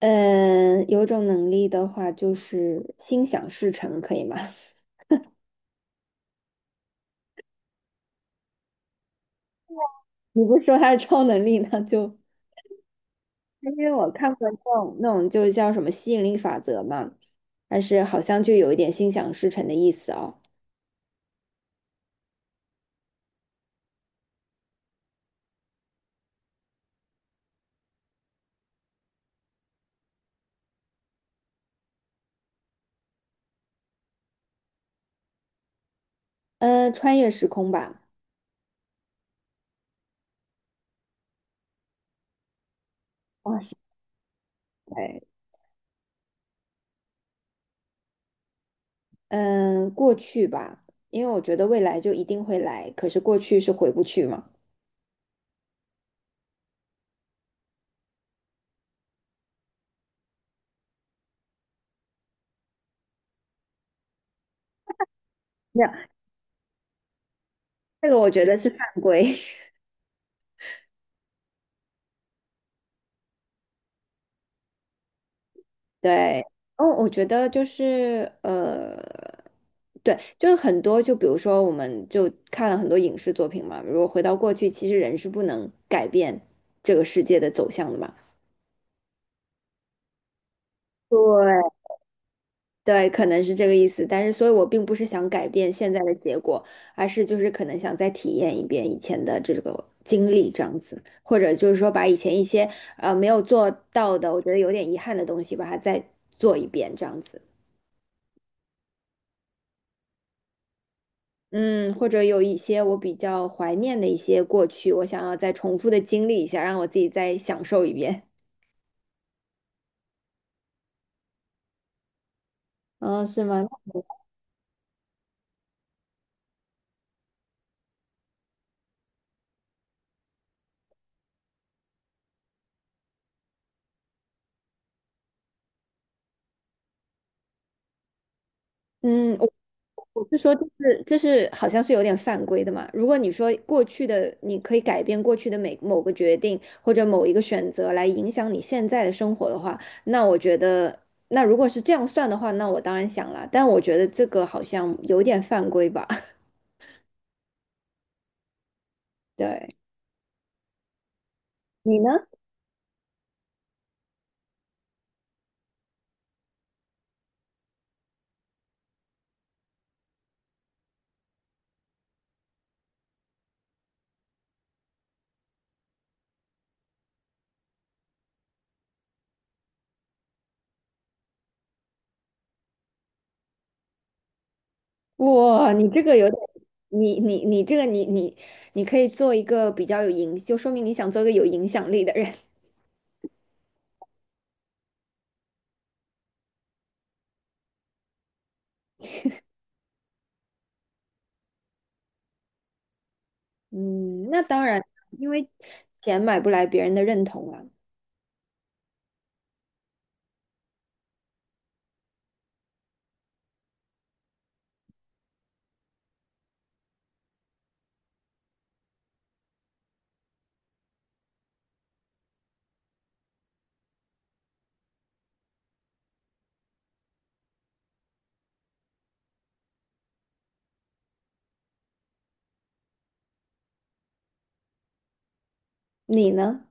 嗯，有种能力的话，就是心想事成，可以吗？你不是说它是超能力，那就因为我看过那种就叫什么吸引力法则嘛，但是好像就有一点心想事成的意思哦。穿越时空吧。哇塞。嗯，过去吧，因为我觉得未来就一定会来，可是过去是回不去嘛。没有，这个我觉得是犯规。对。哦，我觉得就是。对，就是很多，就比如说，我们就看了很多影视作品嘛。如果回到过去，其实人是不能改变这个世界的走向的嘛。对。对，可能是这个意思。但是，所以我并不是想改变现在的结果，而是就是可能想再体验一遍以前的这个经历，这样子，或者就是说把以前一些没有做到的，我觉得有点遗憾的东西，把它再做一遍，这样子。嗯，或者有一些我比较怀念的一些过去，我想要再重复的经历一下，让我自己再享受一遍。嗯，是吗？嗯，我是说，就是好像是有点犯规的嘛。如果你说过去的，你可以改变过去的每某个决定或者某一个选择来影响你现在的生活的话，那我觉得，那如果是这样算的话，那我当然想了。但我觉得这个好像有点犯规吧。对。你呢？哇，你这个有点，你你可以做一个比较有影，就说明你想做一个有影响力的人。嗯，那当然，因为钱买不来别人的认同啊。你呢？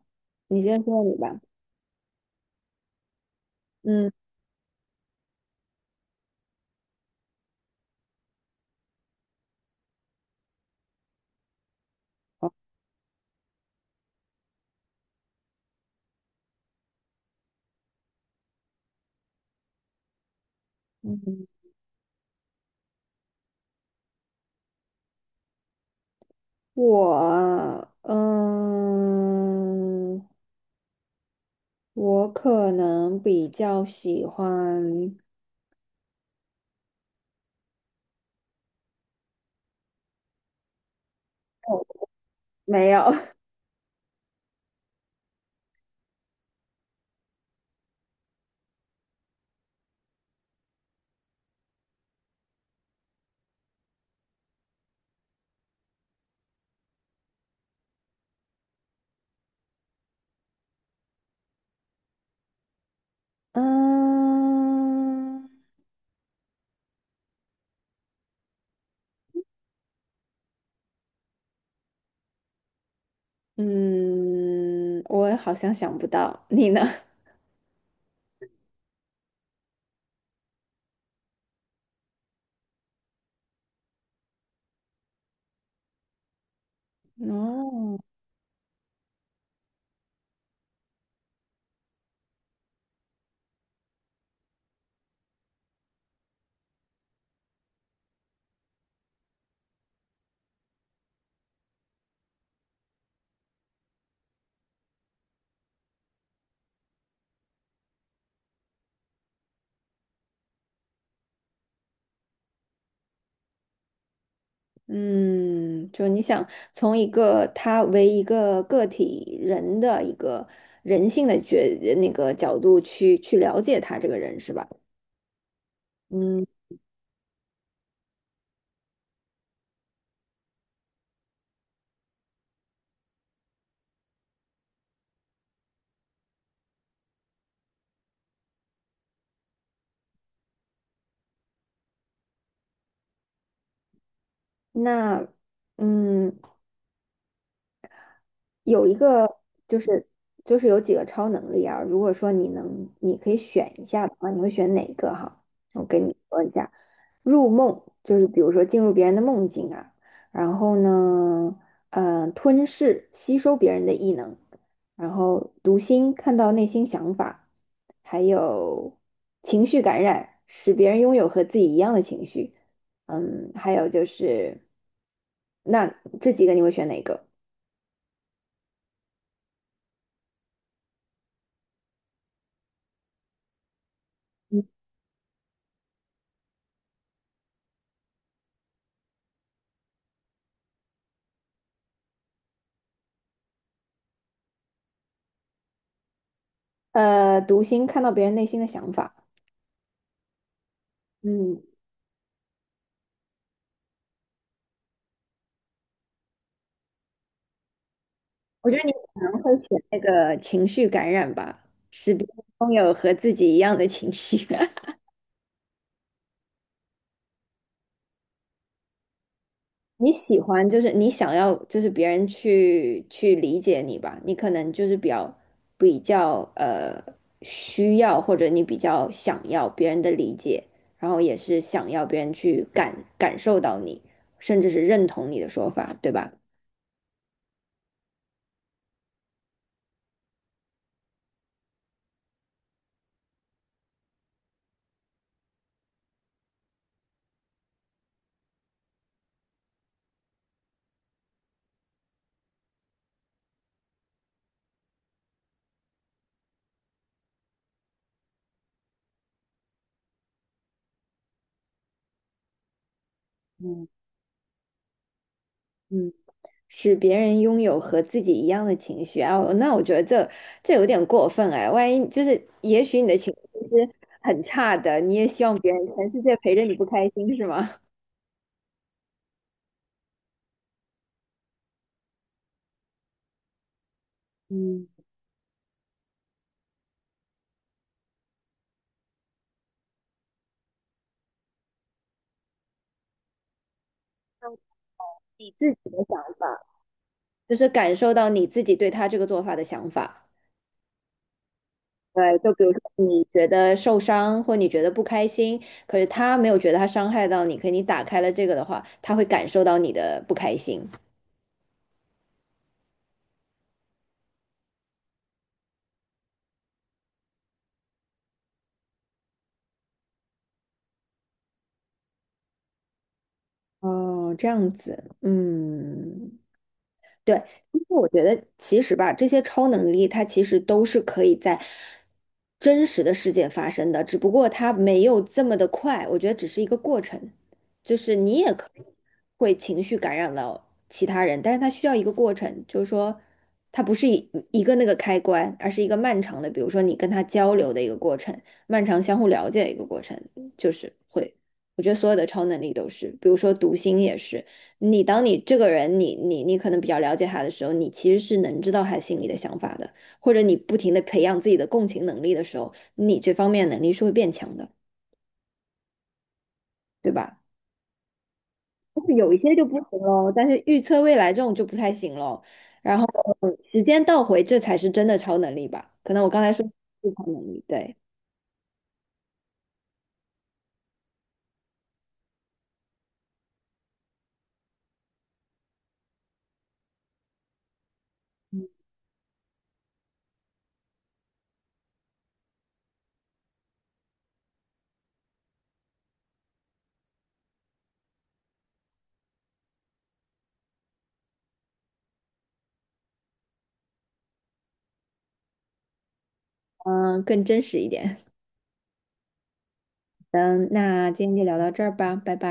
你先说你吧。嗯嗯，我啊嗯，我可能比较喜欢。哦，没有。嗯嗯，我好像想不到，你呢？哦。嗯，就你想从一个他为一个个体人的一个人性的那个角度去了解他这个人是吧？嗯。那嗯，有一个就是就是有几个超能力啊，如果说你能，你可以选一下的话，你会选哪个哈？我跟你说一下，入梦就是比如说进入别人的梦境啊，然后呢，呃，吞噬吸收别人的异能，然后读心看到内心想法，还有情绪感染，使别人拥有和自己一样的情绪，嗯，还有就是，那这几个你会选哪个？呃，读心看到别人内心的想法。嗯，我觉得你可能会选那个情绪感染吧，使别人拥有和自己一样的情绪。你喜欢就是你想要就是别人去理解你吧，你可能就是比较需要或者你比较想要别人的理解，然后也是想要别人去感受到你，甚至是认同你的说法，对吧？使别人拥有和自己一样的情绪啊，那我觉得这有点过分哎。万一就是，也许你的情绪是很差的，你也希望别人全世界陪着你不开心是吗？嗯，你自己的想法，就是感受到你自己对他这个做法的想法。对，就比如说你觉得受伤或你觉得不开心，可是他没有觉得他伤害到你，可是你打开了这个的话，他会感受到你的不开心。哦，这样子，嗯。对，因为我觉得其实吧，这些超能力它其实都是可以在真实的世界发生的，只不过它没有这么的快，我觉得只是一个过程，就是你也可以会情绪感染到其他人，但是它需要一个过程，就是说它不是一个那个开关，而是一个漫长的，比如说你跟他交流的一个过程，漫长相互了解的一个过程，就是会，我觉得所有的超能力都是，比如说读心也是。你当你这个人，你可能比较了解他的时候，你其实是能知道他心里的想法的，或者你不停的培养自己的共情能力的时候，你这方面能力是会变强的，对吧？但是有一些就不行喽，但是预测未来这种就不太行喽。然后时间倒回，这才是真的超能力吧？可能我刚才说是超能力，对，嗯，更真实一点。嗯，那今天就聊到这儿吧，拜拜。